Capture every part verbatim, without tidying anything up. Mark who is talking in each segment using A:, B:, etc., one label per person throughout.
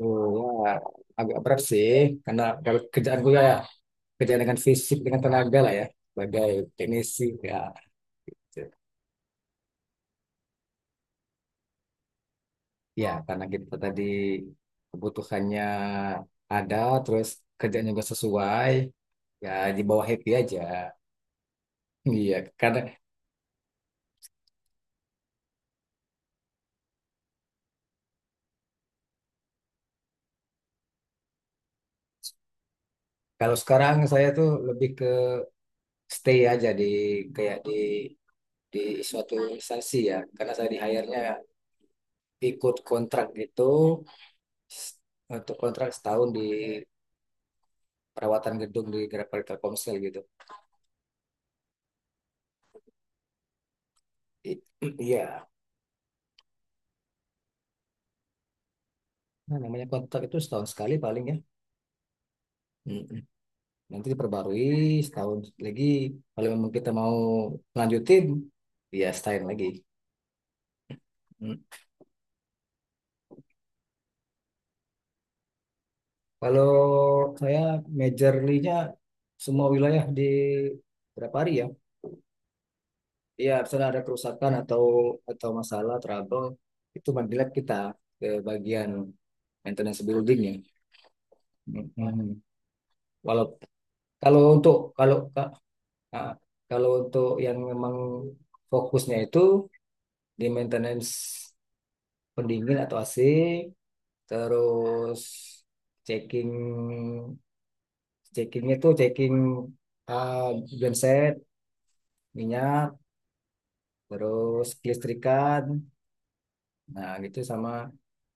A: Oh ya, agak berat sih karena kalau kerjaan gue ya, kerjaan dengan fisik dengan tenaga lah ya, sebagai teknisi ya gitu. Ya karena kita tadi kebutuhannya ada, terus kerjaan juga sesuai ya, di bawah happy aja. Iya karena kalau sekarang saya tuh lebih ke stay aja di kayak di di suatu instansi ya karena saya di hire-nya ikut kontrak gitu, s- untuk kontrak setahun di perawatan gedung di Grab- Telkomsel gitu. I- Iya. Nah, namanya kontrak itu setahun sekali paling ya. Mm-mm. Nanti diperbarui setahun lagi. Kalau memang kita mau lanjutin, ya setahun lagi. Mm. Kalau saya majorly-nya semua wilayah di berapa hari ya? Iya, misalnya ada kerusakan atau atau masalah trouble, itu mandilat kita ke bagian maintenance building ya. Mm-mm. Walau kalau untuk kalau Nah, kalau untuk yang memang fokusnya itu di maintenance pendingin atau A C, terus checking checkingnya tuh checking uh, genset, minyak, terus kelistrikan, nah gitu sama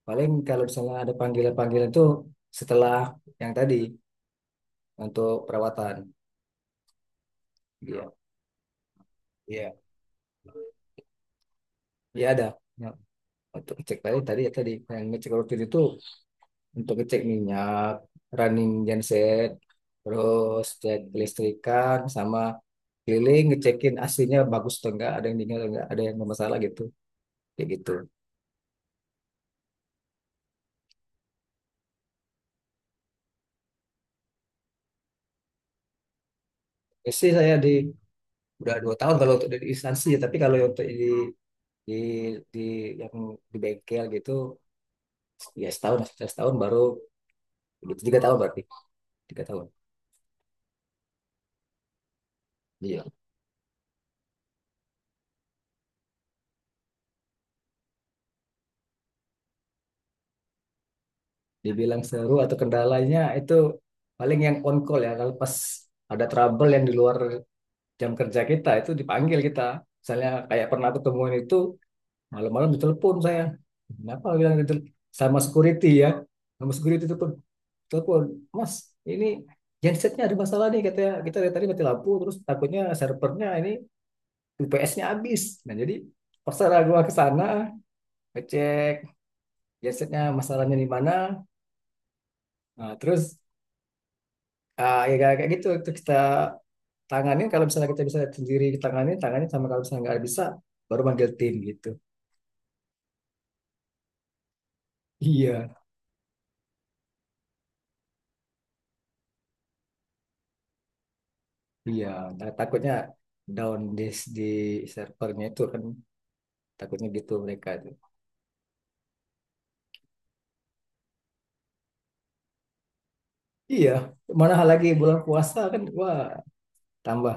A: paling kalau misalnya ada panggilan-panggilan tuh setelah yang tadi untuk perawatan. Iya, iya, iya ada. Ya, untuk cek tadi tadi ya tadi yang ngecek rutin itu untuk ngecek minyak, running genset, terus cek kelistrikan, sama keliling ngecekin aslinya bagus atau enggak, ada yang dingin atau enggak, ada yang bermasalah gitu, kayak gitu. Itu sih saya di udah dua tahun kalau untuk di instansi, ya, tapi kalau untuk di di di yang di bengkel gitu, ya setahun, setahun baru gitu, tiga tahun berarti, tiga tahun. Iya. Dibilang seru atau kendalanya itu paling yang on call ya, kalau pas ada trouble yang di luar jam kerja kita itu dipanggil kita. Misalnya kayak pernah ketemuan itu malam-malam ditelepon saya. Kenapa bilang itu sama security ya? Sama security itu telepon, Mas, ini gensetnya ada masalah nih katanya. Kita dari tadi mati lampu terus takutnya servernya ini U P S-nya habis. Nah, jadi terserah gua ke sana ngecek gensetnya masalahnya di mana. Nah, terus ah, ya kayak kayak gitu itu kita tanganin kalau misalnya kita bisa sendiri tanganin tanganin sama kalau misalnya nggak bisa baru manggil tim gitu. Iya, iya. Nah, takutnya down di, di servernya itu kan takutnya gitu mereka itu. Iya, mana hal lagi bulan puasa kan, wah tambah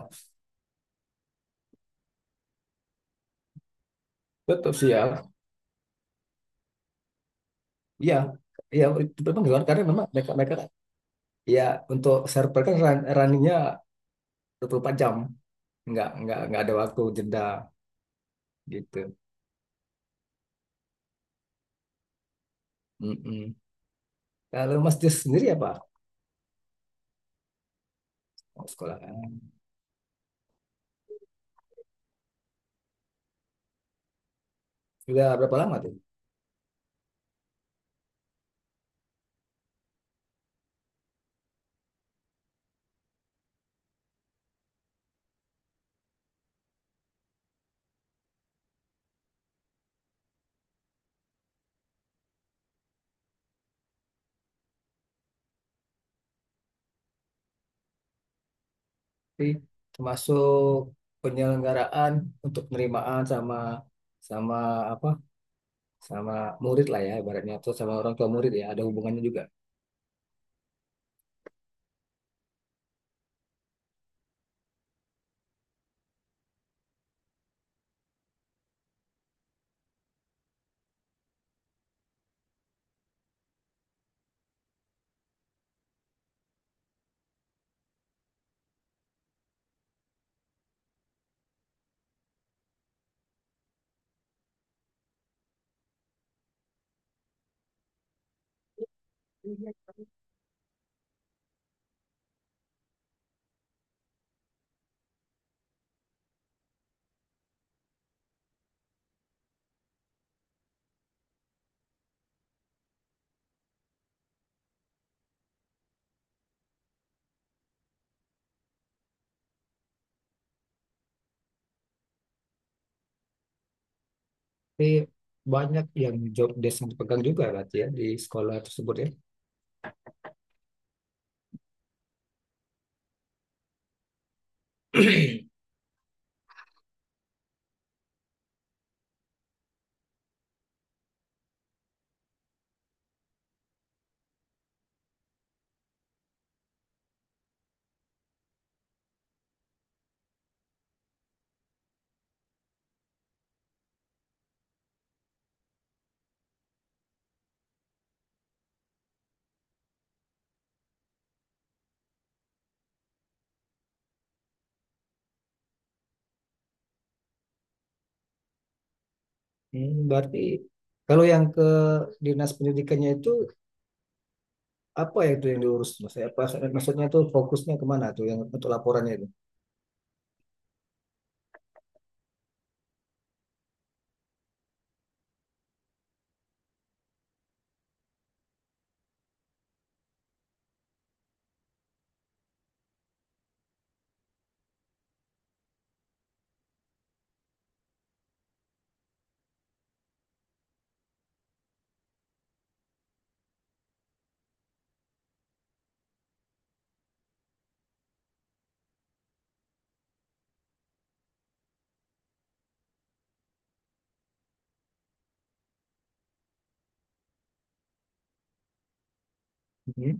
A: betul sih ya. Iya, iya itu memang down karena memang mereka mereka kan, ya untuk server kan run, runningnya dua puluh empat jam, nggak nggak nggak ada waktu jeda gitu. Mm-mm. Kalau Mas Jus sendiri apa? Oh, sekolah kan? Sudah berapa lama tuh? Sih, termasuk penyelenggaraan untuk penerimaan sama sama apa sama murid lah ya ibaratnya atau sama orang tua murid ya ada hubungannya juga. Tapi banyak yang job desk yang dipegang juga berarti ya di sekolah tersebut ya. Hmm, berarti kalau yang ke dinas pendidikannya itu apa ya itu yang diurus mas apa maksudnya tuh fokusnya kemana tuh yang untuk laporannya itu. Hmm.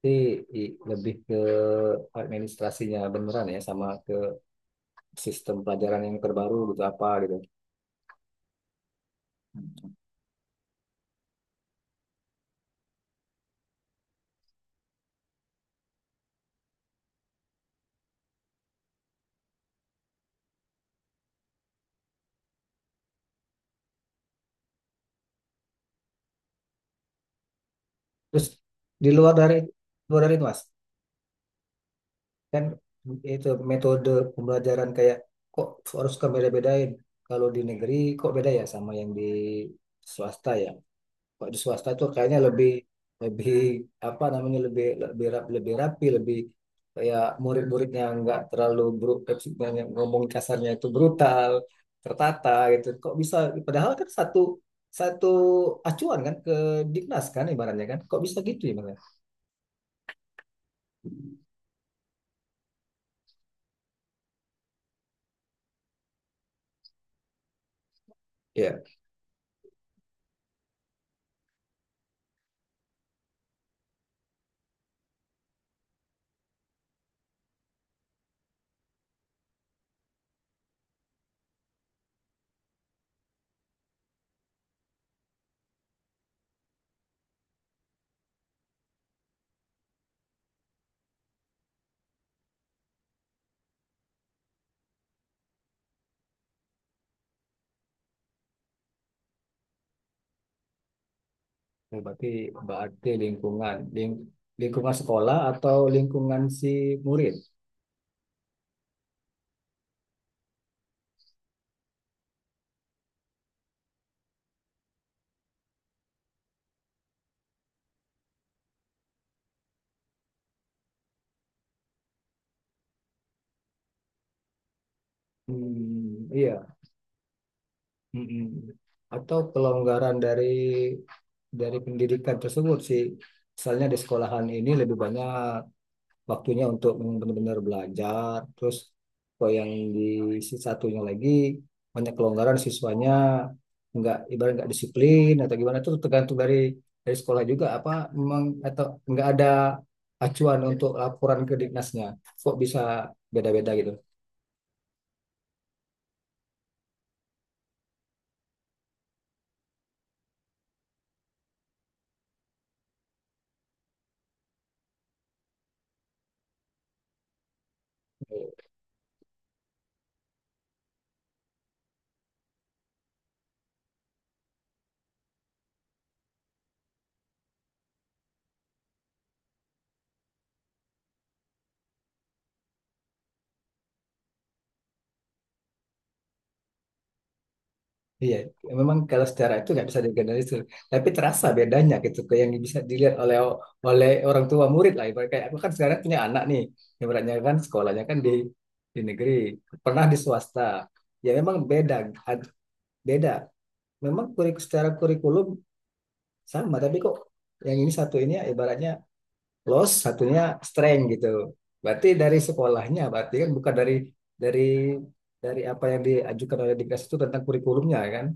A: Jadi i- lebih ke administrasinya beneran ya sama ke sistem pelajaran yang terbaru gitu apa gitu. Terus di luar dari, luar dari itu mas, kan itu metode pembelajaran kayak kok harus kan beda-bedain, kalau di negeri kok beda ya sama yang di swasta ya? Kalau di swasta tuh kayaknya lebih lebih apa namanya, lebih lebih rap lebih rapi, lebih kayak murid-muridnya nggak terlalu brut, banyak ngomong kasarnya itu brutal, tertata gitu. Kok bisa? Padahal kan satu satu acuan kan ke Dignas kan ibaratnya kan. Kok bisa gitu ya Bang? Ya. Ya, berarti berarti lingkungan ling, lingkungan sekolah atau lingkungan si murid. Hmm, iya. Mm-mm. Atau kelonggaran dari dari pendidikan tersebut sih. Misalnya di sekolahan ini lebih banyak waktunya untuk benar-benar belajar. Terus kalau yang di si satunya lagi banyak kelonggaran siswanya, nggak ibarat nggak disiplin atau gimana, itu tergantung dari dari sekolah juga apa memang atau nggak ada acuan untuk laporan ke Ditnasnya. Kok bisa beda-beda gitu? Iya, memang kalau secara itu nggak bisa digeneralisir. Tapi terasa bedanya gitu, ke yang bisa dilihat oleh oleh orang tua murid lah. Ibarat kayak aku kan sekarang punya anak nih, ibaratnya kan sekolahnya kan di di negeri, pernah di swasta. Ya memang beda, ad- beda. Memang kurik, secara kurikulum sama, tapi kok yang ini satu ini ya ibaratnya loss, satunya strength gitu. Berarti dari sekolahnya, berarti kan bukan dari dari dari apa yang diajukan oleh Dinkes itu tentang kurikulumnya kan?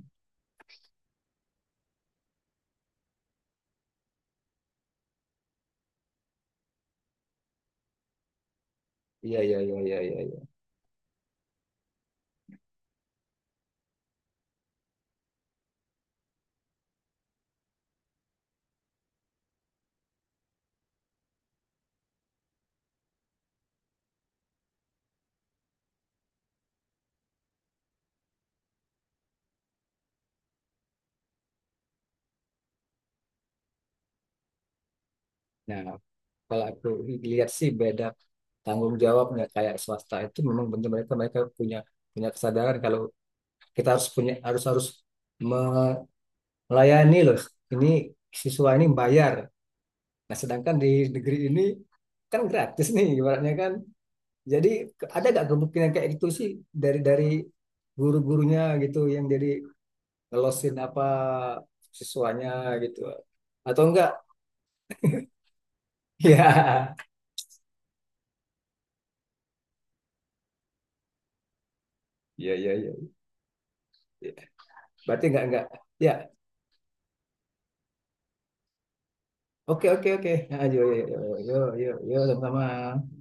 A: Iya, iya, iya, iya, iya. Nah, kalau aku lihat sih beda tanggung jawab, nggak kayak swasta itu memang benar mereka mereka punya punya kesadaran kalau kita harus punya, harus harus me- melayani loh. Ini siswa ini bayar. Nah, sedangkan di negeri ini kan gratis nih ibaratnya kan. Jadi ke- ada nggak kemungkinan kayak gitu sih dari dari guru-gurunya gitu yang jadi ngelosin apa siswanya gitu atau enggak? Ya, ya, ya, ya. Berarti enggak enggak. Ya. Oke, oke, oke. Ayo, yo, yo, yo, yo, yo, yo, sama-sama.